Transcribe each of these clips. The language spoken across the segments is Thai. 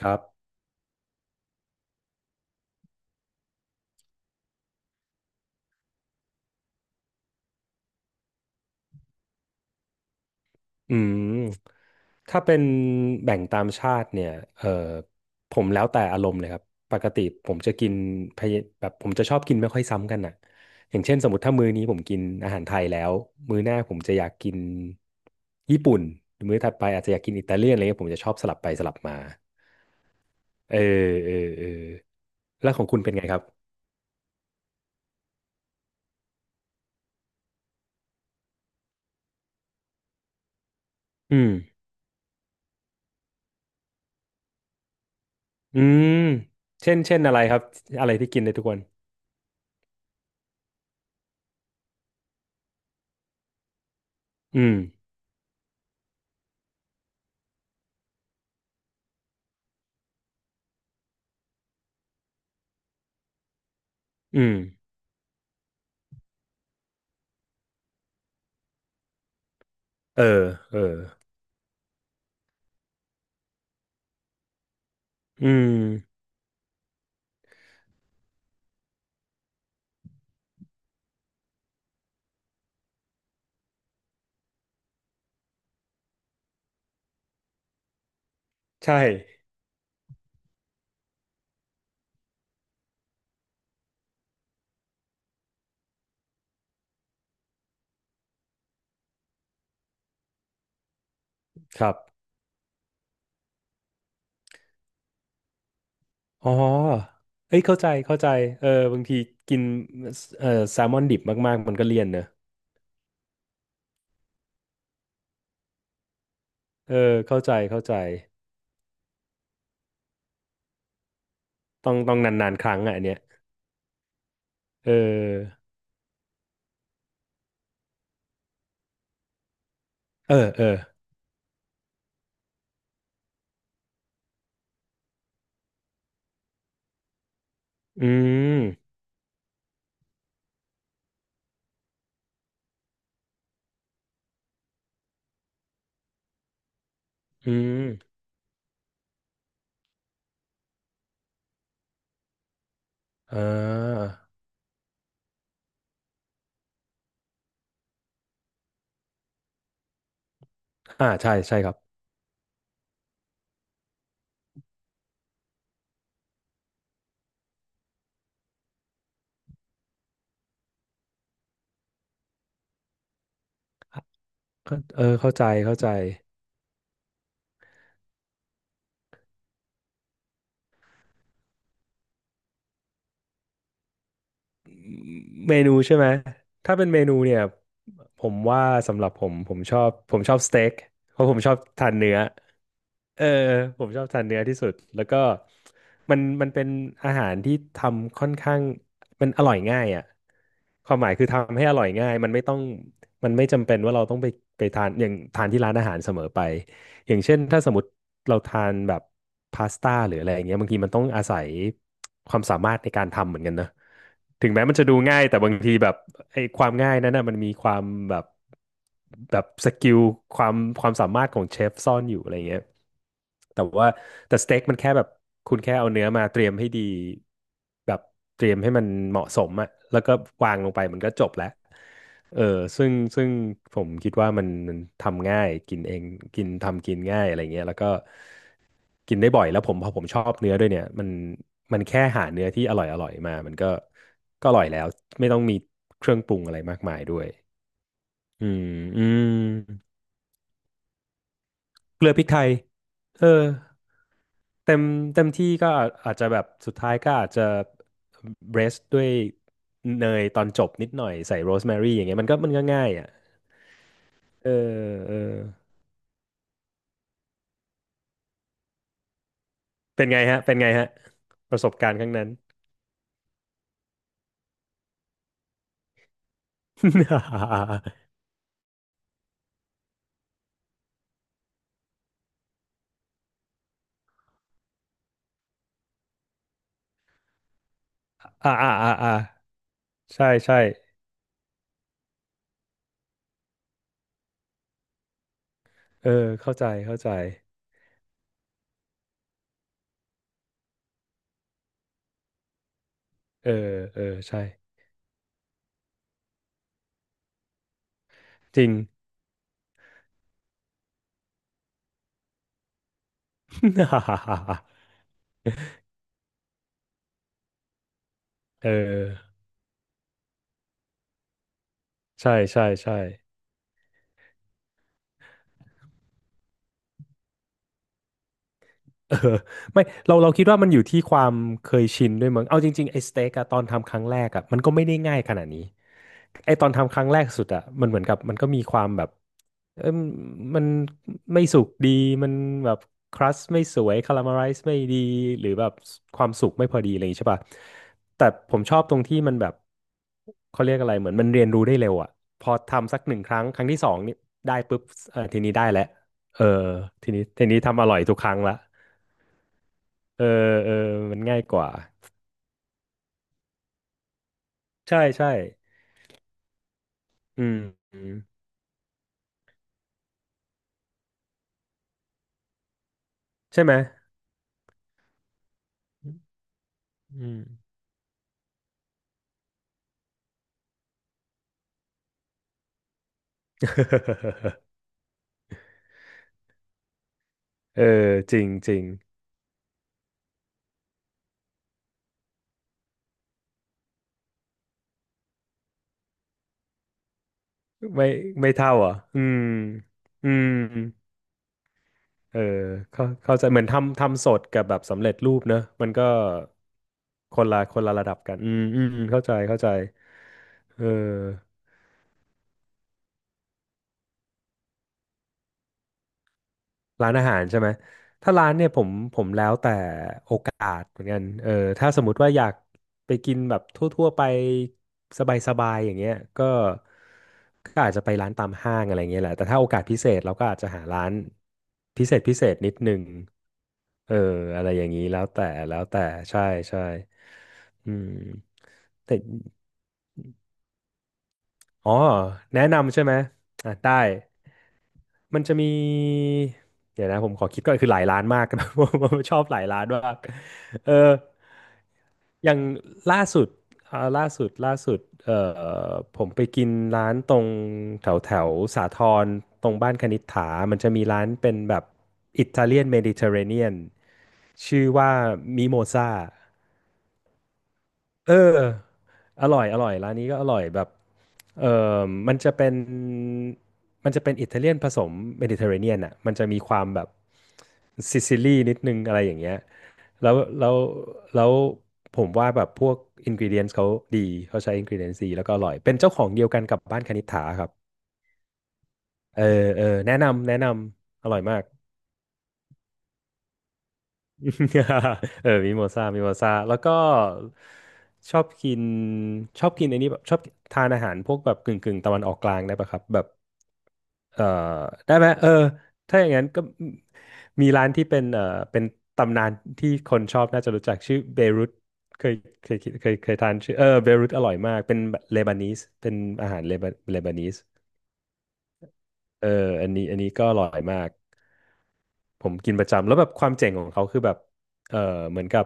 ครับ อืมถ้าเป็นแบ่งตามชาติเนี่ยเออผมแล้วแต่อารมณ์เลยครับปกติผมจะกินพะเยแบบผมจะชอบกินไม่ค่อยซ้ำกันอ่ะอย่างเช่นสมมติถ้ามื้อนี้ผมกินอาหารไทยแล้วมื้อหน้าผมจะอยากกินญี่ปุ่นหรือมื้อถัดไปอาจจะอยากกินอิตาเลียนอะไรเงี้ยผมจะชอบสลับไปสลับมาเออเออเออแล้วของคุณเป็นไงครับ อืมอืมเช่นอะไรครับอะไรที่กินได้ทุกวันอืมอืมเออเอออืม ใช่ครับอ๋อเอ้ยเข้าใจเข้าใจเออบางทีกินแซลมอนดิบมากๆมันก็เลี่ยนเนอะเออเข้าใจเข้าใจต้องนานๆครั้งอ่ะอันเนี้ยเออเออเอออืมอืมอ่าอ่าใช่ใช่ครับเข้าเออเข้าใจเข้าใจเมนูใช่ไหมถ้าเป็นเมนูเนี่ยผมว่าสำหรับผมผมชอบสเต็กเพราะผมชอบทานเนื้อ เออผมชอบทานเนื้อที่สุดแล้วก็มันเป็นอาหารที่ทำค่อนข้างมันอร่อยง่ายอ่ะความหมายคือทำให้อร่อยง่ายมันไม่ต้องมันไม่จำเป็นว่าเราต้องไปทานที่ร้านอาหารเสมอไป อย่างเช่นถ้าสมมติเราทานแบบพาสต้าหรืออะไรอย่างเงี้ยบางทีมันต้องอาศัยความสามารถในการทำเหมือนกันนะถึงแม้มันจะดูง่ายแต่บางทีแบบไอ้ความง่ายนั้นนะมันมีความแบบแบบสกิลความความสามารถของเชฟซ่อนอยู่อะไรเงี้ยแต่ว่าแต่สเต็กมันแค่แบบคุณแค่เอาเนื้อมาเตรียมให้ดีแบบเตรียมให้มันเหมาะสมอะแล้วก็วางลงไปมันก็จบแล้ว เออซึ่งซึ่งผมคิดว่ามันทำง่ายกินเองกินทำกินง่ายอะไรเงี้ยแล้วก็กินได้บ่อยแล้วพอผมชอบเนื้อด้วยเนี่ยมันแค่หาเนื้อที่อร่อยมามันก็อร่อยแล้วไม่ต้องมีเครื่องปรุงอะไรมากมายด้วยอืมอืมเกลือพริกไทยเออเต็มเต็มที่ก็อาจจะแบบสุดท้ายก็อาจจะเบรสด้วยเนยตอนจบนิดหน่อยใส่โรสแมรี่อย่างเงี้ยมันก็ง่ายอ่ะเออเออ เป็นไงฮะ เป็นไงฮะประสบการณ์ครั้งนั้น อ่าอ่าอ่าอ่าใช่ใช่เออ เข้าใจเข้าใจเออเออใช่ จริง เออใช่ใช่ใช่ เออไม่เราคิดว่ามันอยู่ที่ความเคยชินด้วยมั้งเอาจริงๆไอ้สเต็กอะตอนทำครั้งแรกอะมันก็ไม่ได้ง่ายขนาดนี้ไอ้ตอนทำครั้งแรกสุดอะมันเหมือนมันก็มีความแบบเอมมันไม่สุกดีมันแบบครัสไม่สวยคาราเมลไรซ์ไม่ดีหรือแบบความสุกไม่พอดีอะไรอย่างงี้ใช่ป่ะแต่ผมชอบตรงที่มันแบบเขาเรียกอะไรเหมือนมันเรียนรู้ได้เร็วอะพอทำสักหนึ่งครั้งครั้งที่สองนี่ได้ปุ๊บเออทีนี้ได้แล้วเออทีนี้ทำอร่อยทุกครั้งละ เออเออมันง่ายกว่าใช่ใช่อืมอืมใช่ไหมอืม เออจริงจริงไม่ไม่เท่าเหรอ่ะอืมอืมเออเข้าเข้าใจเหมือนทำทำสดกับแบบสำเร็จรูปเนอะมันก็คนละระดับกันอืมอืมอืมเข้าใจเข้าใจเออ ร้านอาหารใช่ไหม ถ้าร้านเนี่ยผมแล้วแต่โอกาสเหมือนกันเออถ้าสมมติว่าอยากไปกินแบบทั่วๆไปสบายๆอย่างเงี้ยก็ก็อาจจะไปร้านตามห้างอะไรเงี้ยแหละแต่ถ้าโอกาสพิเศษเราก็อาจจะหาร้านพิเศษนิดนึงเอออะไรอย่างนี้แล้วแต่ใช่ใช่อืมแต่อ๋อแนะนำใช่ไหมอ่ะได้ มันจะมีเดี๋ยวนะผมขอคิดก่อนคือหลายร้านมาก ผมชอบหลายร้านมากเอออย่างล่าสุดล่าสุดเอ่ผมไปกินร้านตรงแถวแถวสาทรตรงบ้านคณิษฐามันจะมีร้านเป็นแบบอิตาเลียนเมดิเตอร์เรเนียนชื่อว่ามิโมซา เอออร่อยร้านนี้ก็อร่อยแบบเออมันจะเป็นมันจะเป็นอิตาเลียนผสมเมดิเตอร์เรเนียนอ่ะมันจะมีความแบบซิซิลีนิดนึงอะไรอย่างเงี้ยแล้วแล้วแล้วผมว่าแบบพวกอินก e เดียนดีเขาใช้อินก e เดียนดีแล้วก็อร่อยเป็นเจ้าของเดียวกันกับบ้านคณิษฐาครับเออเออแนะนำอร่อยมาก มิโมซ่าแล้วก็ชอบกินชอบกินไอ้นี่แบบชอบทานอาหารพวกแบบกึ่งตะวันออกกลางได้ปะครับแบบเออได้ไหมถ้าอย่างนั้นก็มีร้านที่เป็นเป็นตำนานที่คนชอบน่าจะรู้จักชื่อเบรุตเคยเคยทานชื่อเบรุตอร่อยมากเป็นเลบานีสเป็นอาหารเลบานีสเอออันนี้ก็อร่อยมาก ผมกินประจำแล้วแบบความเจ๋งของเขาคือแบบ เออ เหมือนกับ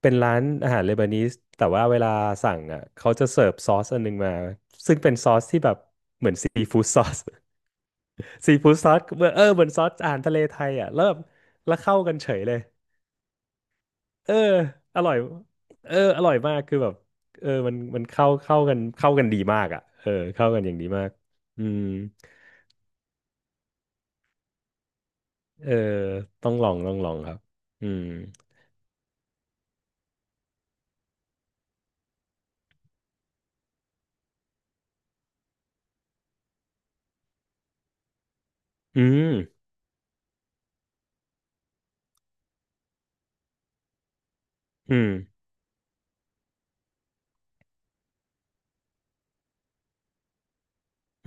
เป็นร้านอาหารเลบานีสแต่ว่าเวลาสั่งอ่ะเขาจะเสิร์ฟซอสอันนึงมาซึ่งเป็นซอสที่แบบเหมือนซีฟู้ดซอส ซีฟู้ดซอสเหมือนซอสอาหารทะเลไทยอ่ะแล้วแบบแล้วเข้ากันเฉยเลยเออ อร่อย อร่อยมากคือแบบ มันเข้ากันดีมากอ่ะเข้ากันอย่างดีมากอืมเออต้องลองครับอืมอืมอืม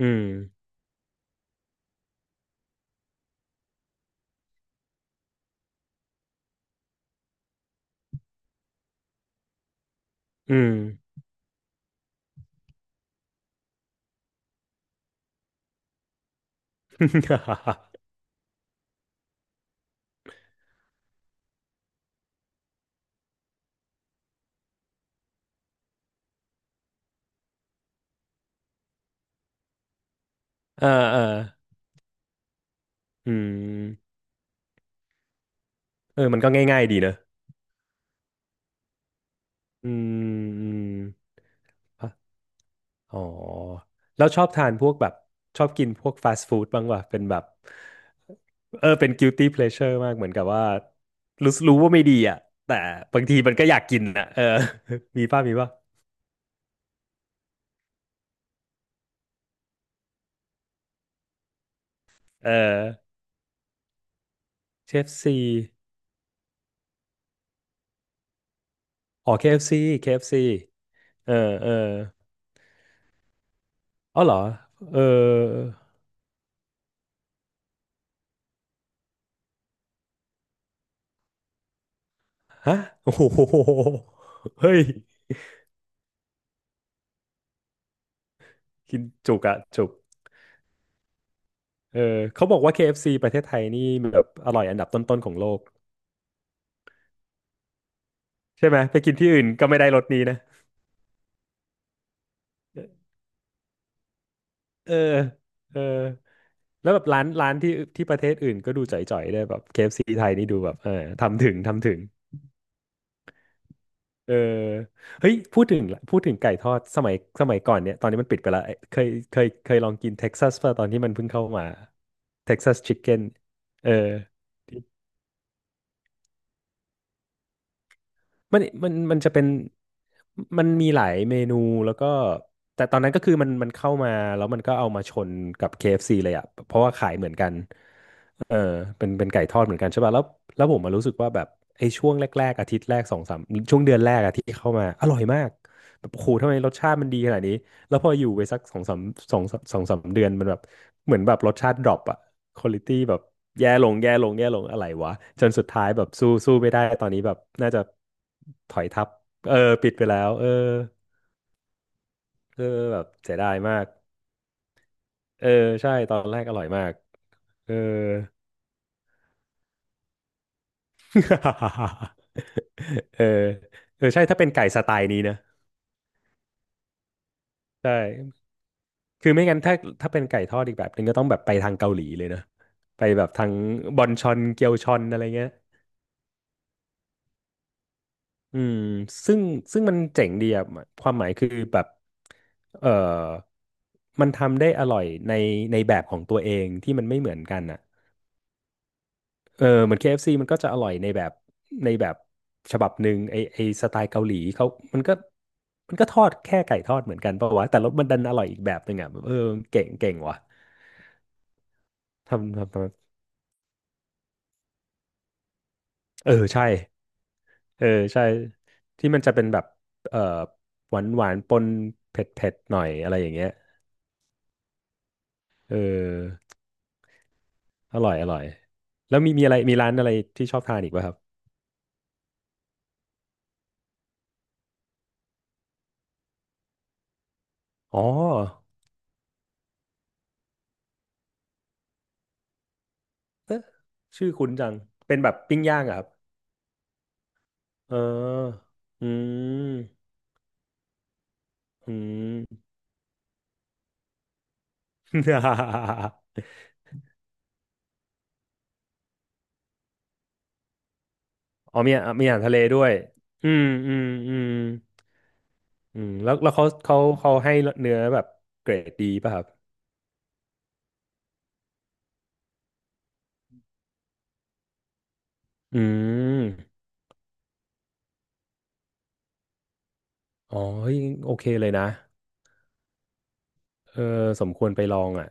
อืม อืม เออเอออืมมันก็ง่ายๆดีเนอะอืมอืมอะอ๋อ แล้วชอบทานพวกแบบชอบกินพวกฟาสต์ฟู้ดบ้างวะเป็นแบบเป็น guilty pleasure มากเหมือนกับว่ารู้ว่าไม่ดีอ่ะแต่บางทีมันก็อยากกินอ่ะ มีป่ะเออ KFC อฟซีอ๋อ KFC ฟซีเคเอฟซีเออเอออ๋อเหรอเอฮะ โอ้โหเฮ้ย กินจุกอะจุกเออเขาบอกว่า KFC ประเทศไทยนี่แบบอร่อยอันดับต้นๆของโลกใช่ไหมไปกินที่อื่นก็ไม่ได้รสนี้นะเออเออแล้วแบบร้านที่ที่ประเทศอื่นก็ดูจ่อยๆได้วยแบบ KFC ไทยนี่ดูแบบทำถึงเออเฮ้ยพูดถึงพูดถึงไก่ทอดสมัยก่อนเนี่ยตอนนี้มันปิดไปแล้วเอ้ยเคยลองกินเท็กซัสป่ะตอนที่มันเพิ่งเข้ามาเท็กซัสชิคเก้นเออ มันจะเป็นมันมีหลายเมนูแล้วก็แต่ตอนนั้นก็คือมันเข้ามาแล้วมันก็เอามาชนกับ KFC เอฟซีเลยอ่ะเพราะว่าขายเหมือนกันเออเป็นไก่ทอดเหมือนกันใช่ป่ะแล้วแล้วผมมารู้สึกว่าแบบไอ้ช่วงแรกๆอาทิตย์แรกสองสามช่วงเดือนแรกอะที่เข้ามาอร่อยมากแบบโอ้โหทำไมรสชาติมันดีขนาดนี้ แล้วพออยู่ไปสักสองสามสองสองสามเดือนมันแบบเหมือนแบบรสชาติดรอปอะควอลิตี้แบบแย่ลงแย่ลงแย่ลงอะไรวะจนสุดท้ายแบบสู้ไม่ได้ตอนนี้แบบน่าจะถอยทับเออปิดไปแล้วเออเออแบบเสียดายมากเออใช่ตอนแรกอร่อยมากเออ เออเออใช่ถ้าเป็นไก่สไตล์นี้นะใช่คือไม่งั้นถ้าถ้าเป็นไก่ทอดอีกแบบนึงก็ต้องแบบไปทางเกาหลีเลยนะไปแบบทางบอนชอนเกียวชอนอะไรเงี้ย อืมซึ่งซึ่งมันเจ๋งดีอะความหมายคือแบบเออมันทำได้อร่อยในแบบของตัวเองที่มันไม่เหมือนกันอ่ะเหมือน KFC มันก็จะอร่อยในแบบในแบบฉบับหนึ่งไอสไตล์เกาหลีเขามันก็มันก็ทอดแค่ไก่ทอดเหมือนกันเปล่าวะแต่รสมันดันอร่อยอีกแบบหนึ่งอ่ะแบบเก่งว่ะทำใช่เออใช่ที่มันจะเป็นแบบเออหวานปนเผ็ดหน่อยอะไรอย่างเงี้ยเออ อร่อยแล้วมีอะไรมีร้านอะไรที่ชอบทานอีกป่ะครับอ๋อเอ๊ะชื่อคุ้นจังเป็นแบบปิ้งย่างเหรอครับเอออืมอืม อ๋อมีอ่ะมีอาหารทะเลด้วยอืมอืมอืมอืมแล้วแล้วเขาให้เนื้อแบบเกรดดีป่ะครับอืมอ๋อเฮ้ยโอเคเลยนะเออสมควรไปลองอ่ะ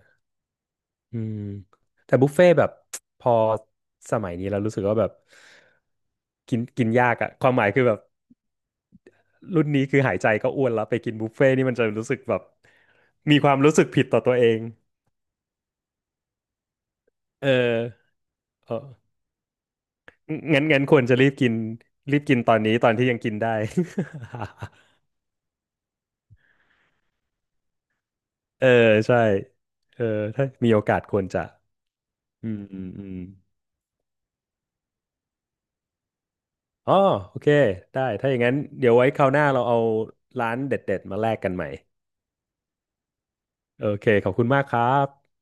อืมแต่บุฟเฟ่ต์แบบ พอสมัยนี้เรารู้สึกว่าแบบกินกินยากอะความหมายคือแบบรุ่นนี้คือหายใจก็อ้วนแล้วไปกินบุฟเฟ่ต์นี่มันจะรู้สึกแบบมีความรู้สึกผิดต่อตัวเองเออเอองั้นควรจะรีบกินรีบกินตอนนี้ตอนที่ยังกินได้ เออใช่เออถ้ามีโอกาสควรจะอืมอืมอืมอ๋อโอเคได้ถ้าอย่างนั้นเดี๋ยวไว้คราวหน้าเราเอาร้านเด็ดๆมาแลกกันใหม่ โอเคขอบคุณมากครับ